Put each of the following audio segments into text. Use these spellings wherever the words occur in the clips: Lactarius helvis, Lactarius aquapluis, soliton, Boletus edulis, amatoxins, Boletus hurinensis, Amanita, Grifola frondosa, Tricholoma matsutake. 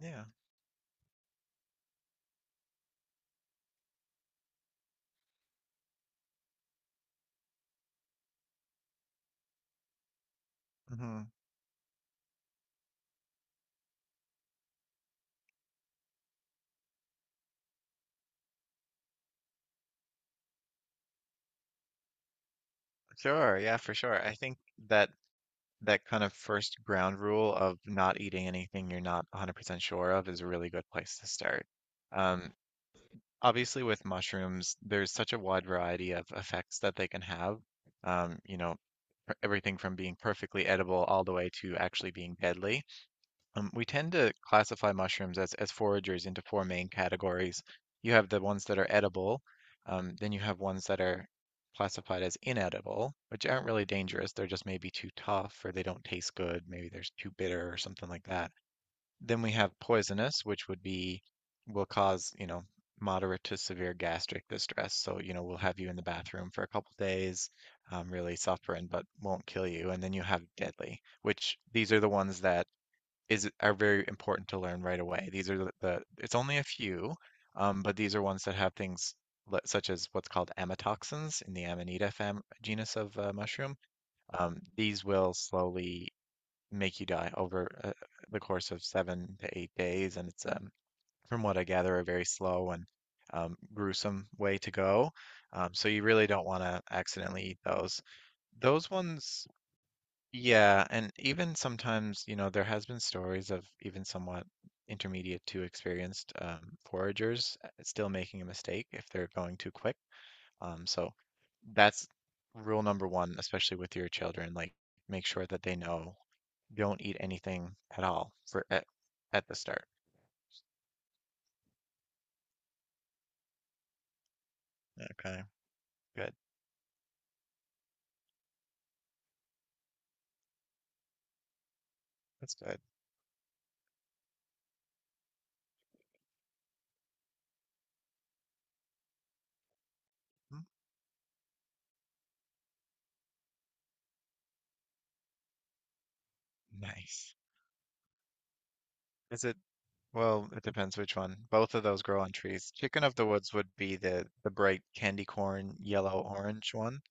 Yeah. hmm Sure. Yeah, for sure. I think that that kind of first ground rule of not eating anything you're not 100% sure of is a really good place to start. Um, Obviously, with mushrooms, there's such a wide variety of effects that they can have. Um, you know, Everything from being perfectly edible all the way to actually being deadly. We tend to classify mushrooms as foragers into four main categories. You have the ones that are edible, then you have ones that are classified as inedible, which aren't really dangerous. They're just maybe too tough or they don't taste good. Maybe they're too bitter or something like that. Then we have poisonous, which will cause, you know, moderate to severe gastric distress. So, you know, we'll have you in the bathroom for a couple days, really suffering, but won't kill you. And then you have deadly, which these are the ones that is are very important to learn right away. These are the it's only a few, but these are ones that have things such as what's called amatoxins in the Amanita fam genus of mushroom. These will slowly make you die over the course of 7 to 8 days, and it's from what I gather a very slow and gruesome way to go. So you really don't want to accidentally eat those. Those ones Yeah, and even sometimes, you know, there has been stories of even somewhat intermediate to experienced foragers still making a mistake if they're going too quick. So that's rule number one, especially with your children. Like, make sure that they know don't eat anything at all at the start. Okay, good. That's good. Mm. Nice. Is it? Well, it depends which one. Both of those grow on trees. Chicken of the woods would be the bright candy corn yellow orange one.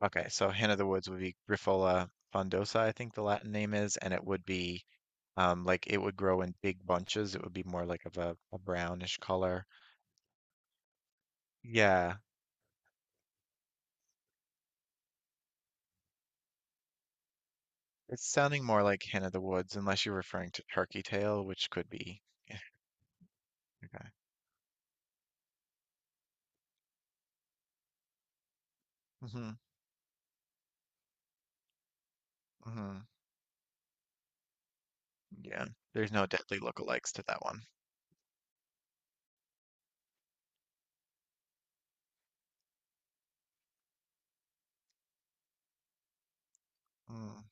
Okay, so hen of the woods would be Grifola frondosa, I think the Latin name is, and it would be like it would grow in big bunches. It would be more like of a brownish color. Yeah, it's sounding more like hen of the woods, unless you're referring to turkey tail, which could be. Yeah, okay. Mm-hmm. Mm-hmm. Yeah, there's no deadly lookalikes to that one. Mm,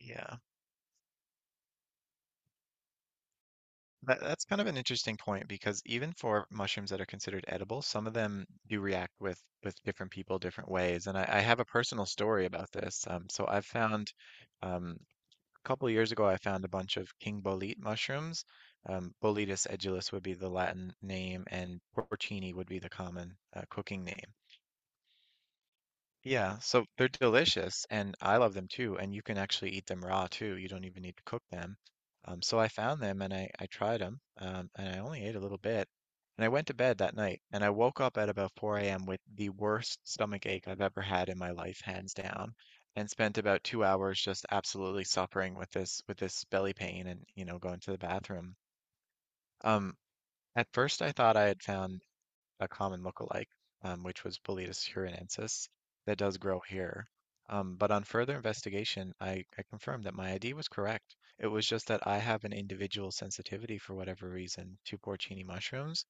yeah. That's kind of an interesting point because even for mushrooms that are considered edible, some of them do react with different people different ways. And I have a personal story about this. So I found um, a couple years ago, I found a bunch of king bolete mushrooms. Boletus edulis would be the Latin name, and porcini would be the common cooking name. Yeah, so they're delicious and I love them too. And you can actually eat them raw too. You don't even need to cook them. So I found them and I tried them and I only ate a little bit. And I went to bed that night and I woke up at about 4 a.m. with the worst stomach ache I've ever had in my life, hands down, and spent about 2 hours just absolutely suffering with this belly pain and you know going to the bathroom. Um, at first I thought I had found a common lookalike, which was Boletus hurinensis, that does grow here. But on further investigation, I confirmed that my ID was correct. It was just that I have an individual sensitivity for whatever reason to porcini mushrooms,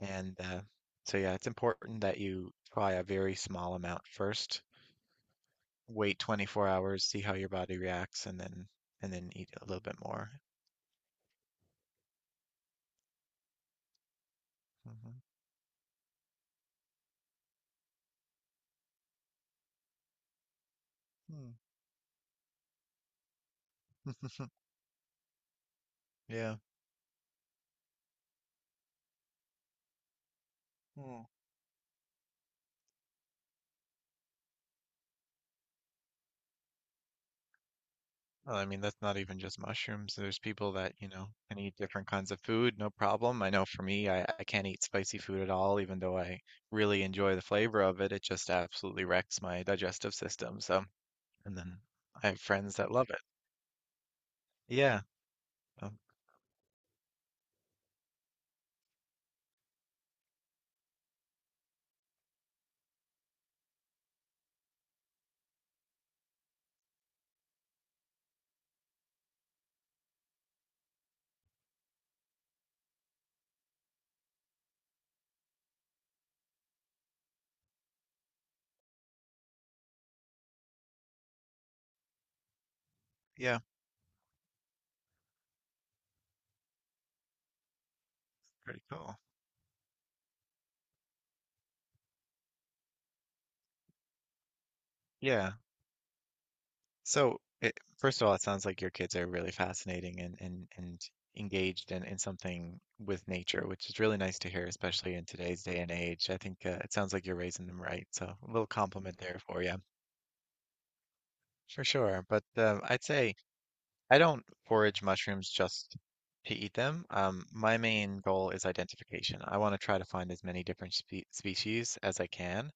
and so yeah, it's important that you try a very small amount first. Wait 24 hours, see how your body reacts, and then eat a little bit more. Hmm. Hmm. yeah. Hmm. Well, I mean, that's not even just mushrooms. There's people that, you know, can eat different kinds of food, no problem. I know for me, I can't eat spicy food at all, even though I really enjoy the flavor of it. It just absolutely wrecks my digestive system. So, and then I have friends that love it. Yeah. Um, yeah. Pretty cool. Yeah. So, first of all, it sounds like your kids are really fascinating and engaged in something with nature, which is really nice to hear, especially in today's day and age. I think it sounds like you're raising them right, so a little compliment there for you, for sure. But I'd say I don't forage mushrooms just to eat them. My main goal is identification. I want to try to find as many different species as I can.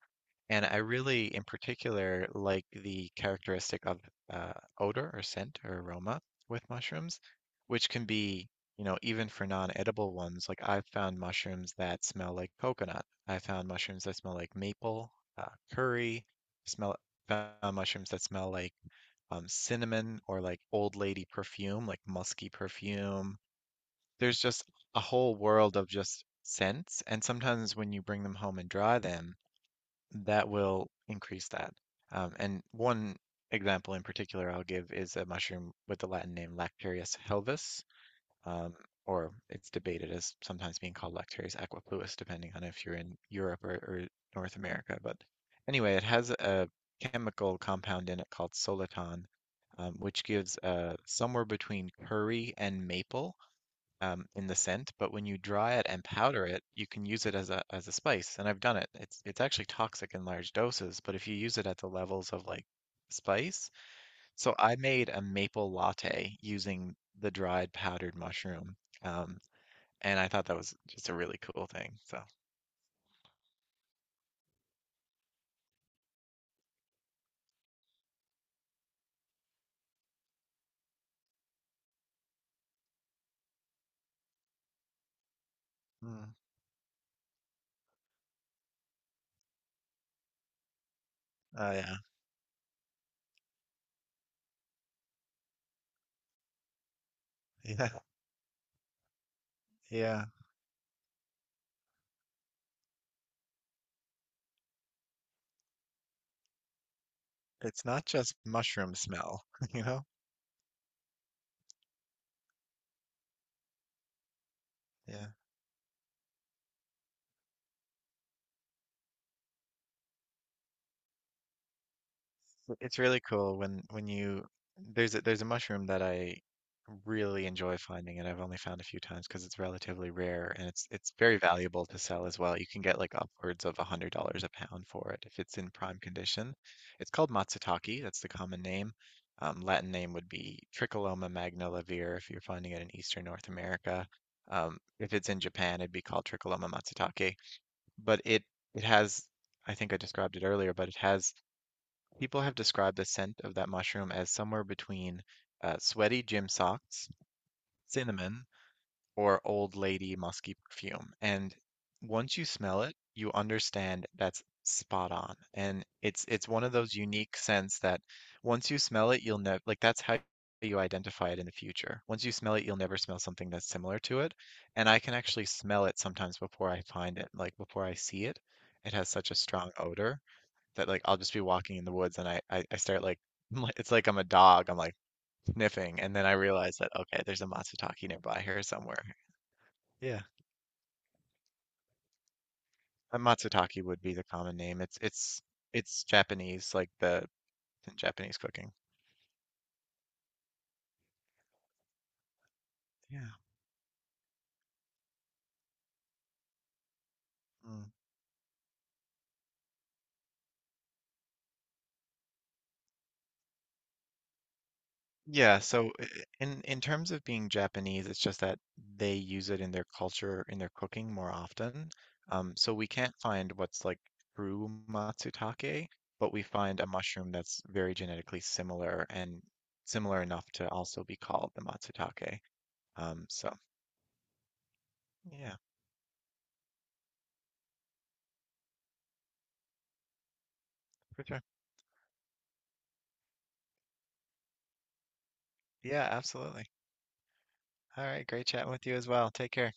And I really, in particular, like the characteristic of uh, odor or scent or aroma with mushrooms, which can be, you know, even for non-edible ones. Like I've found mushrooms that smell like coconut. I found mushrooms that smell like maple, uh, curry. Smell Found mushrooms that smell like cinnamon or like old lady perfume, like musky perfume. There's just a whole world of just scents. And sometimes when you bring them home and dry them, that will increase that. And one example in particular I'll give is a mushroom with the Latin name Lactarius helvis, um, or it's debated as sometimes being called Lactarius aquapluis, depending on if you're in Europe or North America. But anyway, it has a chemical compound in it called soliton, which gives somewhere between curry and maple in the scent, but when you dry it and powder it, you can use it as a spice. And I've done it. It's actually toxic in large doses, but if you use it at the levels of like spice, so I made a maple latte using the dried powdered mushroom, um, and I thought that was just a really cool thing. So, mm, oh yeah, yeah, yeah. It's not just mushroom smell, you know? Yeah. It's really cool when you there's there's a mushroom that I really enjoy finding, and I've only found a few times because it's relatively rare, and it's very valuable to sell as well. You can get like upwards of $100 a pound for it if it's in prime condition. It's called matsutake. That's the common name. Latin name would be Tricholoma magnivelare if you're finding it in Eastern North America. If it's in Japan, it'd be called Tricholoma matsutake. But it has, I think I described it earlier, but it has people have described the scent of that mushroom as somewhere between sweaty gym socks, cinnamon, or old lady musky perfume. And once you smell it, you understand that's spot on. And it's one of those unique scents that once you smell it, you'll know like that's how you identify it in the future. Once you smell it, you'll never smell something that's similar to it. And I can actually smell it sometimes before I find it, like before I see it. It has such a strong odor that like I'll just be walking in the woods and I start like it's like I'm a dog. I'm like sniffing, and then I realize that okay, there's a matsutake nearby here somewhere. Yeah, a matsutake would be the common name. It's Japanese, like the in Japanese cooking. Yeah. Mm. Yeah, so in terms of being Japanese, it's just that they use it in their culture, in their cooking more often. So we can't find what's like true matsutake, but we find a mushroom that's very genetically similar and similar enough to also be called the matsutake. So yeah, for sure. Yeah, absolutely. All right, great chatting with you as well. Take care.